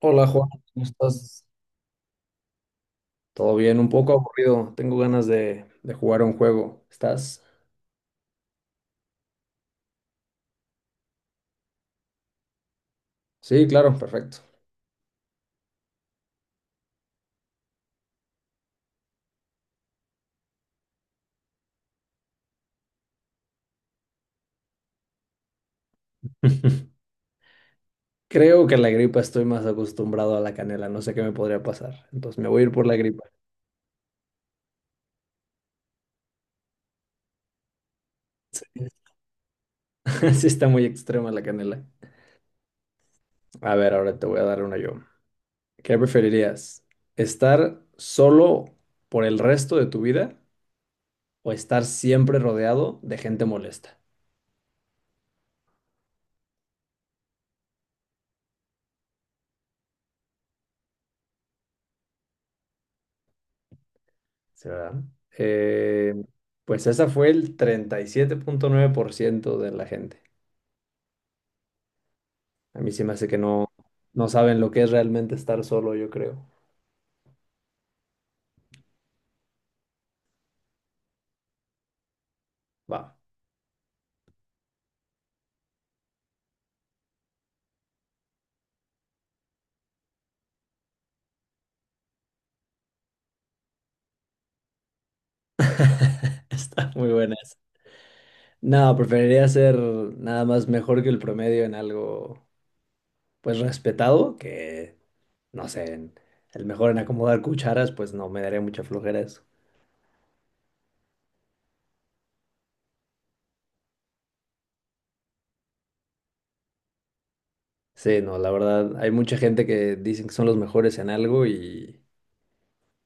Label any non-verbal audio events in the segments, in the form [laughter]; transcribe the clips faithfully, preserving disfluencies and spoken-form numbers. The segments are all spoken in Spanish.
Hola Juan, ¿cómo estás? ¿Todo bien? Un poco aburrido. Tengo ganas de, de jugar un juego. ¿Estás? Sí, claro, perfecto. [laughs] Creo que en la gripa estoy más acostumbrado a la canela. No sé qué me podría pasar. Entonces me voy a ir por la gripa. [laughs] Sí, está muy extrema la canela. A ver, ahora te voy a dar una yo. ¿Qué preferirías? ¿Estar solo por el resto de tu vida o estar siempre rodeado de gente molesta? Sí, ¿verdad? Eh, pues esa fue el treinta y siete punto nueve por ciento de la gente. A mí sí me hace que no, no saben lo que es realmente estar solo, yo creo. Va. [laughs] Está muy buena esa. No, preferiría ser nada más mejor que el promedio en algo, pues respetado, que no sé, en- el mejor en acomodar cucharas, pues no, me daría mucha flojera eso. Sí, no, la verdad, hay mucha gente que dicen que son los mejores en algo y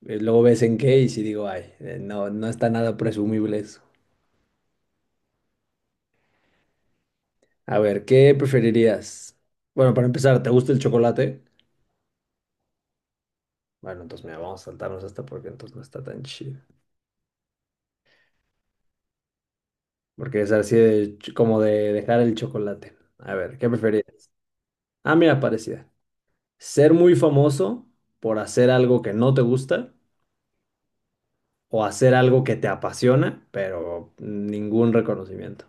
Eh, luego ves en qué y si digo, ay, eh, no, no está nada presumible eso. A ver, ¿qué preferirías? Bueno, para empezar, ¿te gusta el chocolate? Bueno, entonces mira, vamos a saltarnos esta porque entonces no está tan chido. Porque es así de ch- como de dejar el chocolate. A ver, ¿qué preferirías? Ah, mira, parecida. ¿Ser muy famoso por hacer algo que no te gusta o hacer algo que te apasiona, pero ningún reconocimiento?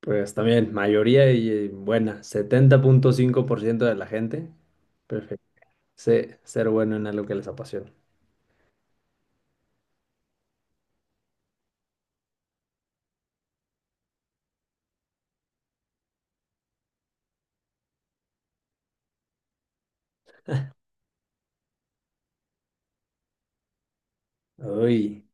Pues también, mayoría y eh, buena, setenta punto cinco por ciento de la gente. Sí, ser bueno en algo que les apasiona. Uy,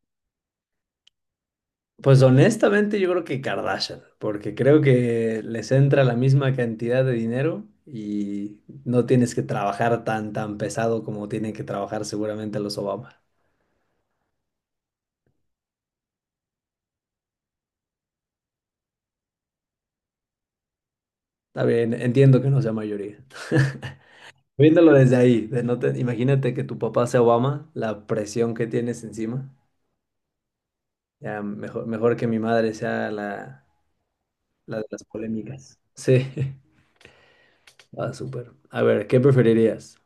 pues honestamente yo creo que Kardashian, porque creo que les entra la misma cantidad de dinero y no tienes que trabajar tan, tan pesado como tienen que trabajar seguramente los Obama. Está bien, entiendo que no sea mayoría. [laughs] Viéndolo desde ahí, de no te- imagínate que tu papá sea Obama, la presión que tienes encima. Ya mejor, mejor que mi madre sea la, la de las polémicas. Sí, [laughs] ah, súper. A ver, ¿qué preferirías?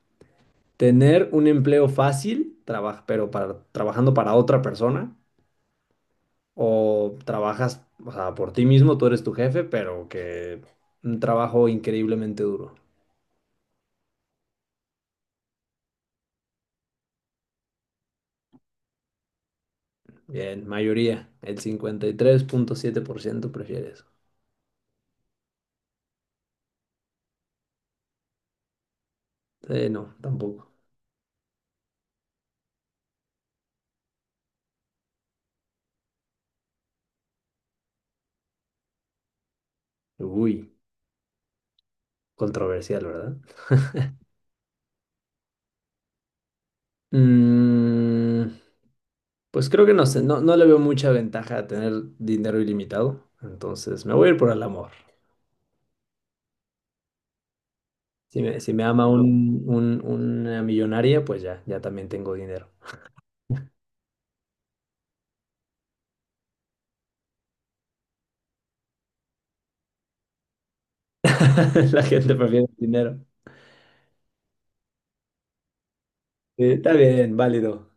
Tener un empleo fácil, traba- pero para, trabajando para otra persona, o trabajas, o sea, por ti mismo, tú eres tu jefe, pero que un trabajo increíblemente duro. Bien, mayoría, el cincuenta y tres punto siete por ciento prefiere eso. Sí, no, tampoco. Uy, controversial, ¿verdad? Mm, pues creo que no sé, no, no le veo mucha ventaja a tener dinero ilimitado, entonces me voy a ir por el amor. Si me, si me ama un, un- una millonaria, pues ya, ya también tengo dinero. [laughs] La gente prefiere el dinero. Eh, está bien, válido.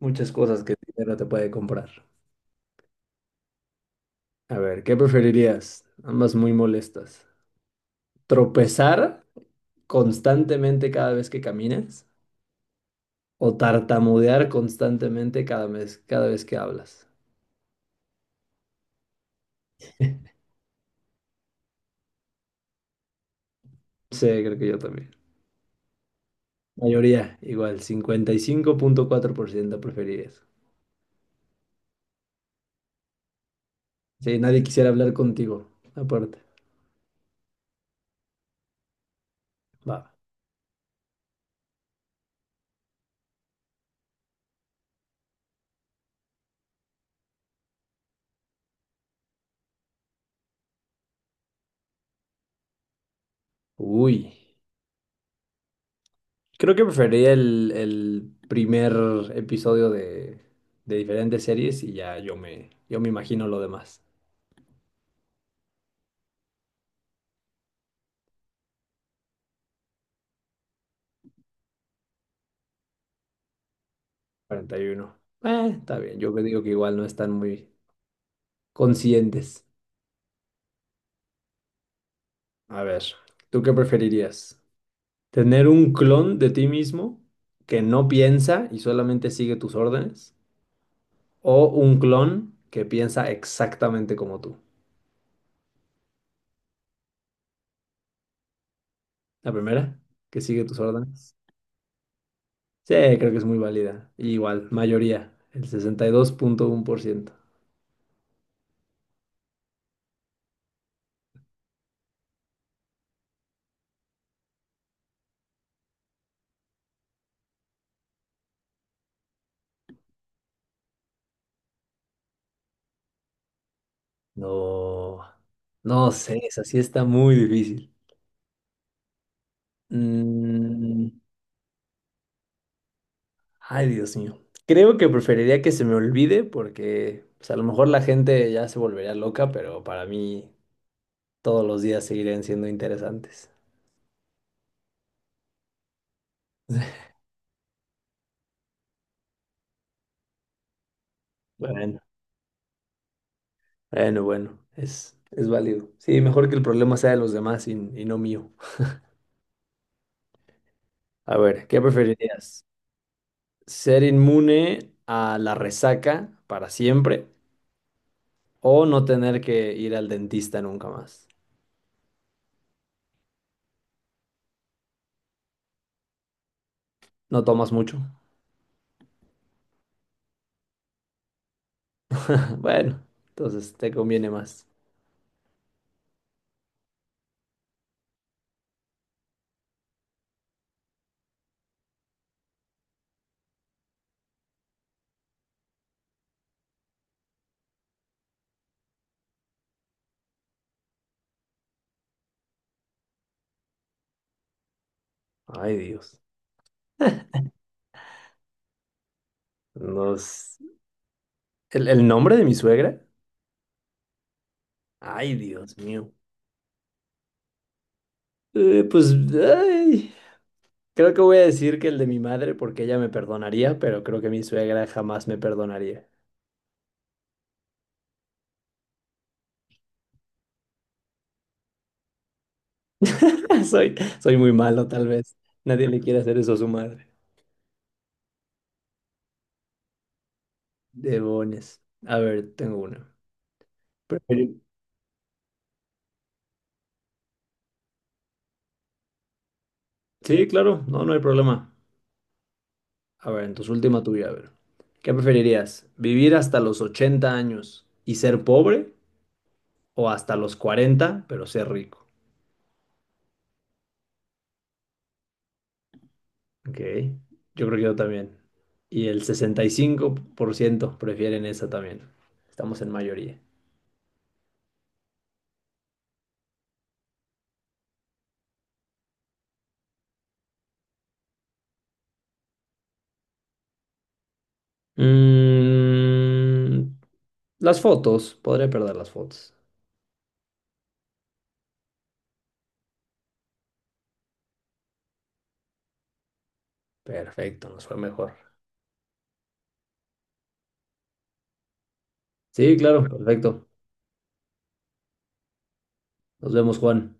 Muchas cosas que el dinero te puede comprar. A ver, ¿qué preferirías? Ambas muy molestas. ¿Tropezar constantemente cada vez que caminas? ¿O tartamudear constantemente cada vez, cada vez que hablas? [laughs] Sí, creo que yo también. Mayoría, igual, cincuenta y cinco punto cuatro por ciento preferirías. Sí, nadie quisiera hablar contigo, aparte. Va. Uy. Creo que preferiría el, el primer episodio de, de diferentes series y ya yo me, yo me imagino lo demás. cuarenta y uno. Eh, está bien. Yo me digo que igual no están muy conscientes. A ver, ¿tú qué preferirías? ¿Tener un clon de ti mismo que no piensa y solamente sigue tus órdenes? ¿O un clon que piensa exactamente como tú? La primera, que sigue tus órdenes. Sí, creo que es muy válida. Igual, mayoría, el sesenta y dos punto uno por ciento. No, no sé, esa sí está muy difícil. Mm, ay, Dios mío. Creo que preferiría que se me olvide porque pues, a lo mejor la gente ya se volvería loca, pero para mí todos los días seguirían siendo interesantes. Bueno, bueno, bueno, es, es válido. Sí, mejor que el problema sea de los demás y, y no mío. A ver, ¿qué preferirías? ¿Ser inmune a la resaca para siempre o no tener que ir al dentista nunca más? No tomas mucho. [laughs] Bueno, entonces te conviene más. Ay, Dios. [laughs] Nos... ¿El, el nombre de mi suegra? Ay, Dios mío. Eh, pues, ay, creo que voy a decir que el de mi madre porque ella me perdonaría, pero creo que mi suegra jamás me perdonaría. [laughs] Soy, soy muy malo, tal vez. Nadie le quiere hacer eso a su madre. Debones. A ver, tengo una. Preferir- Sí, claro, no, no hay problema. A ver, entonces última tuya, a ver. ¿Qué preferirías? ¿Vivir hasta los ochenta años y ser pobre o hasta los cuarenta pero ser rico? Ok, yo creo que yo también. Y el sesenta y cinco por ciento prefieren esa también. Estamos en mayoría. Mm, las fotos, podría perder las fotos. Perfecto, nos fue mejor. Sí, claro, perfecto. Nos vemos, Juan.